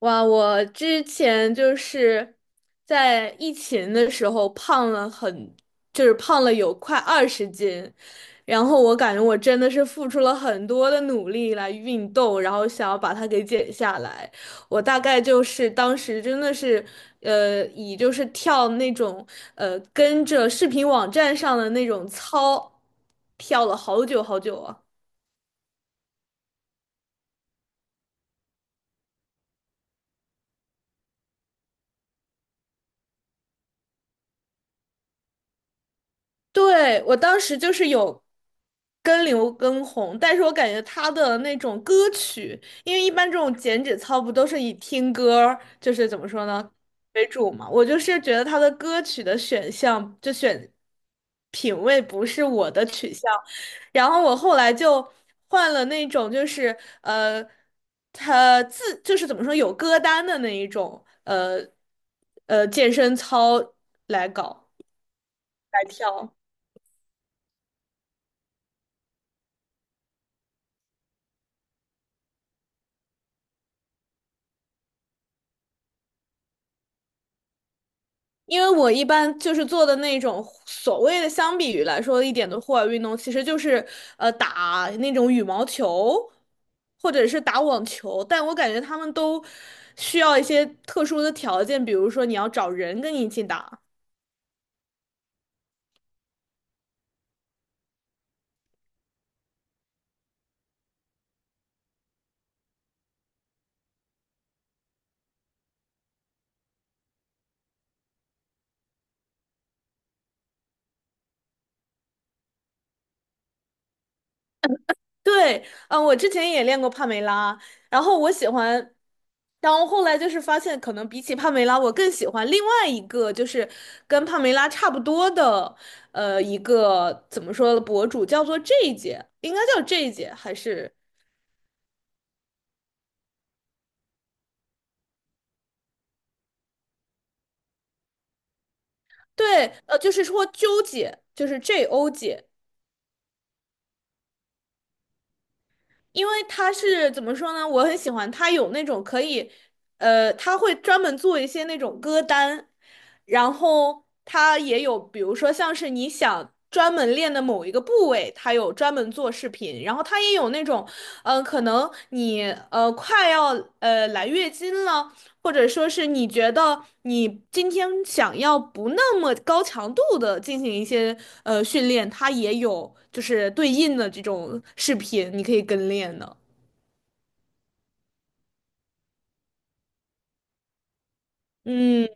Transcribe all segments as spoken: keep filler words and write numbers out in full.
哇，我之前就是在疫情的时候胖了很，就是胖了有快二十斤，然后我感觉我真的是付出了很多的努力来运动，然后想要把它给减下来。我大概就是当时真的是，呃，以就是跳那种呃跟着视频网站上的那种操，跳了好久好久啊。对，我当时就是有跟刘畊宏，但是我感觉他的那种歌曲，因为一般这种减脂操不都是以听歌儿就是怎么说呢，为主嘛。我就是觉得他的歌曲的选项，就选品味不是我的取向，然后我后来就换了那种，就是呃，他自就是怎么说有歌单的那一种，呃呃，健身操来搞来跳。因为我一般就是做的那种所谓的相比于来说一点的户外运动，其实就是呃打那种羽毛球，或者是打网球，但我感觉他们都需要一些特殊的条件，比如说你要找人跟你一起打。对，嗯，我之前也练过帕梅拉，然后我喜欢，然后后来就是发现，可能比起帕梅拉，我更喜欢另外一个，就是跟帕梅拉差不多的，呃，一个怎么说的博主，叫做 J 姐，应该叫 J 姐还是对，呃，就是说纠姐，就是 J O 姐，因为他是怎么说呢？我很喜欢他有那种可以，呃，他会专门做一些那种歌单，然后他也有，比如说像是你想专门练的某一个部位，他有专门做视频，然后他也有那种，嗯、可能你呃快要呃来月经了，或者说是你觉得你今天想要不那么高强度的进行一些呃训练，它也有就是对应的这种视频，你可以跟练的。嗯，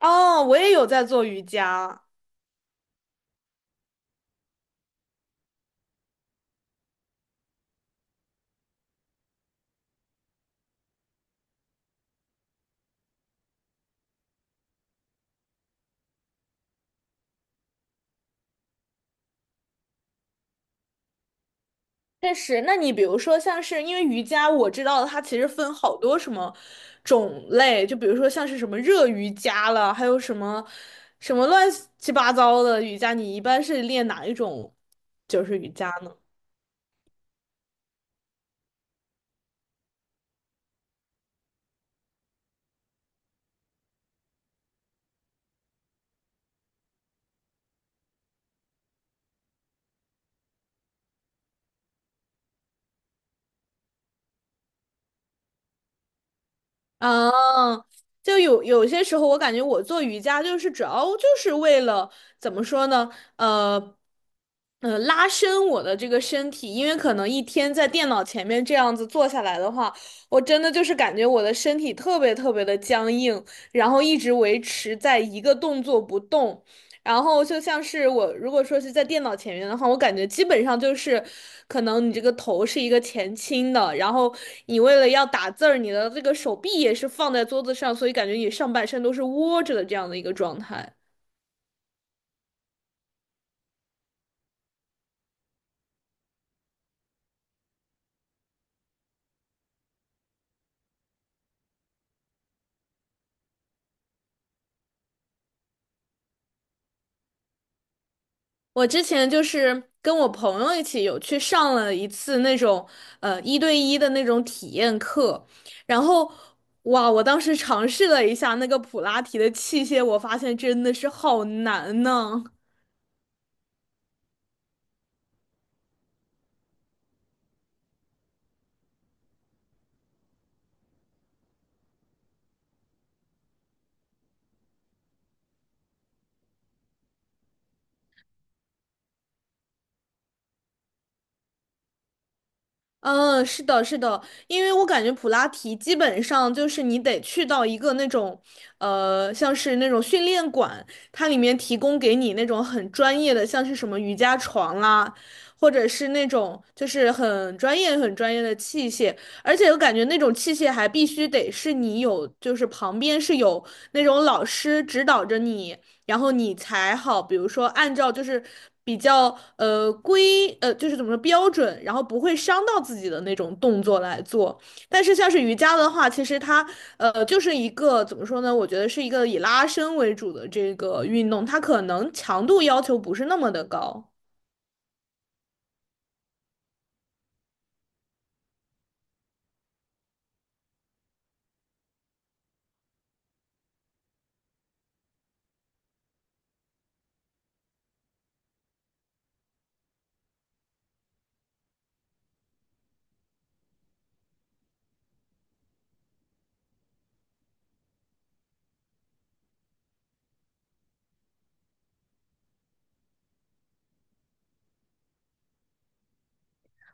哦，我也有在做瑜伽。确实，那你比如说像是因为瑜伽，我知道它其实分好多什么种类，就比如说像是什么热瑜伽了，还有什么什么乱七八糟的瑜伽，你一般是练哪一种就是瑜伽呢？嗯，就有有些时候，我感觉我做瑜伽就是主要就是为了怎么说呢？呃，呃，拉伸我的这个身体，因为可能一天在电脑前面这样子坐下来的话，我真的就是感觉我的身体特别特别的僵硬，然后一直维持在一个动作不动，然后就像是我如果说是在电脑前面的话，我感觉基本上就是，可能你这个头是一个前倾的，然后你为了要打字儿，你的这个手臂也是放在桌子上，所以感觉你上半身都是窝着的这样的一个状态。我之前就是跟我朋友一起有去上了一次那种呃一对一的那种体验课，然后哇，我当时尝试了一下那个普拉提的器械，我发现真的是好难呢。嗯，是的，是的，因为我感觉普拉提基本上就是你得去到一个那种，呃，像是那种训练馆，它里面提供给你那种很专业的，像是什么瑜伽床啦，或者是那种就是很专业、很专业的器械，而且我感觉那种器械还必须得是你有，就是旁边是有那种老师指导着你，然后你才好，比如说按照就是比较呃规呃就是怎么说标准，然后不会伤到自己的那种动作来做。但是像是瑜伽的话，其实它呃就是一个怎么说呢？我觉得是一个以拉伸为主的这个运动，它可能强度要求不是那么的高。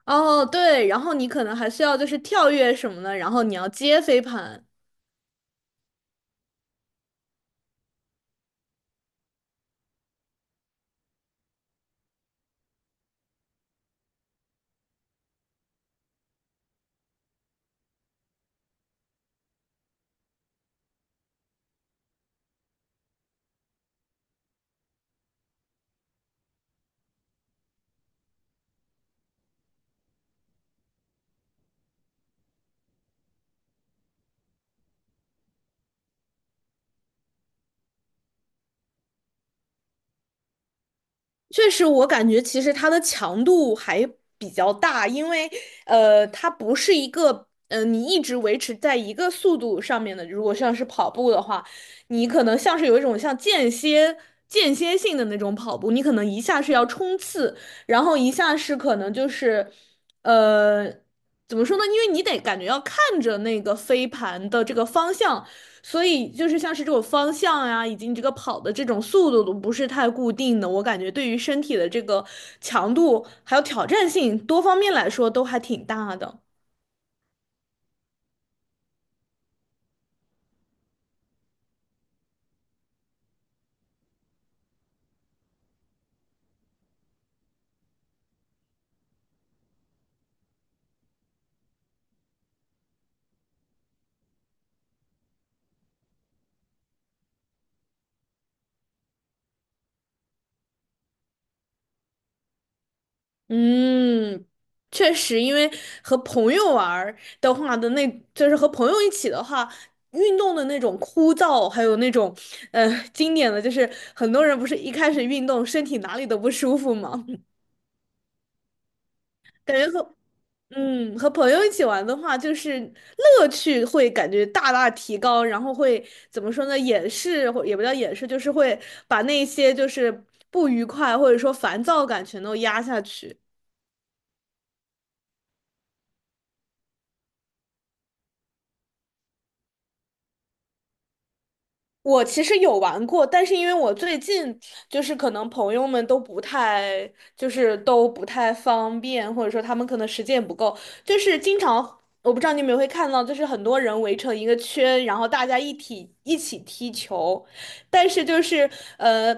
哦，对，然后你可能还需要就是跳跃什么的，然后你要接飞盘。确实，我感觉其实它的强度还比较大，因为呃，它不是一个呃，你一直维持在一个速度上面的。如果像是跑步的话，你可能像是有一种像间歇间歇性的那种跑步，你可能一下是要冲刺，然后一下是可能就是呃，怎么说呢？因为你得感觉要看着那个飞盘的这个方向。所以就是像是这种方向呀、以及你这个跑的这种速度都不是太固定的，我感觉对于身体的这个强度还有挑战性多方面来说都还挺大的。嗯，确实，因为和朋友玩儿的话的那，就是和朋友一起的话。运动的那种枯燥，还有那种，呃，经典的就是很多人不是一开始运动身体哪里都不舒服吗？感觉和嗯，和朋友一起玩的话，就是乐趣会感觉大大提高，然后会怎么说呢？掩饰或也不叫掩饰，就是会把那些就是不愉快或者说烦躁感全都压下去。我其实有玩过，但是因为我最近就是可能朋友们都不太，就是都不太方便，或者说他们可能时间也不够，就是经常我不知道你们会看到，就是很多人围成一个圈，然后大家一体一起踢球，但是就是呃，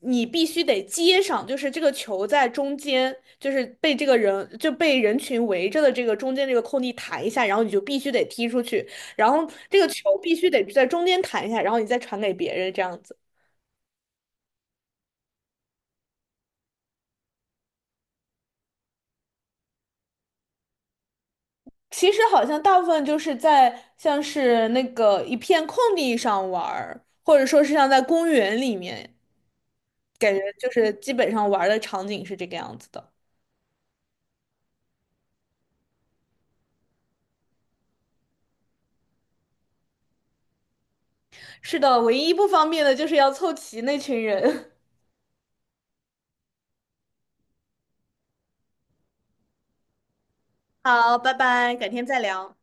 你必须得接上，就是这个球在中间，就是被这个人就被人群围着的这个中间这个空地弹一下，然后你就必须得踢出去。然后这个球必须得在中间弹一下，然后你再传给别人这样子。其实好像大部分就是在像是那个一片空地上玩儿，或者说是像在公园里面，感觉就是基本上玩儿的场景是这个样子的。是的，唯一不方便的就是要凑齐那群人。好，拜拜，改天再聊。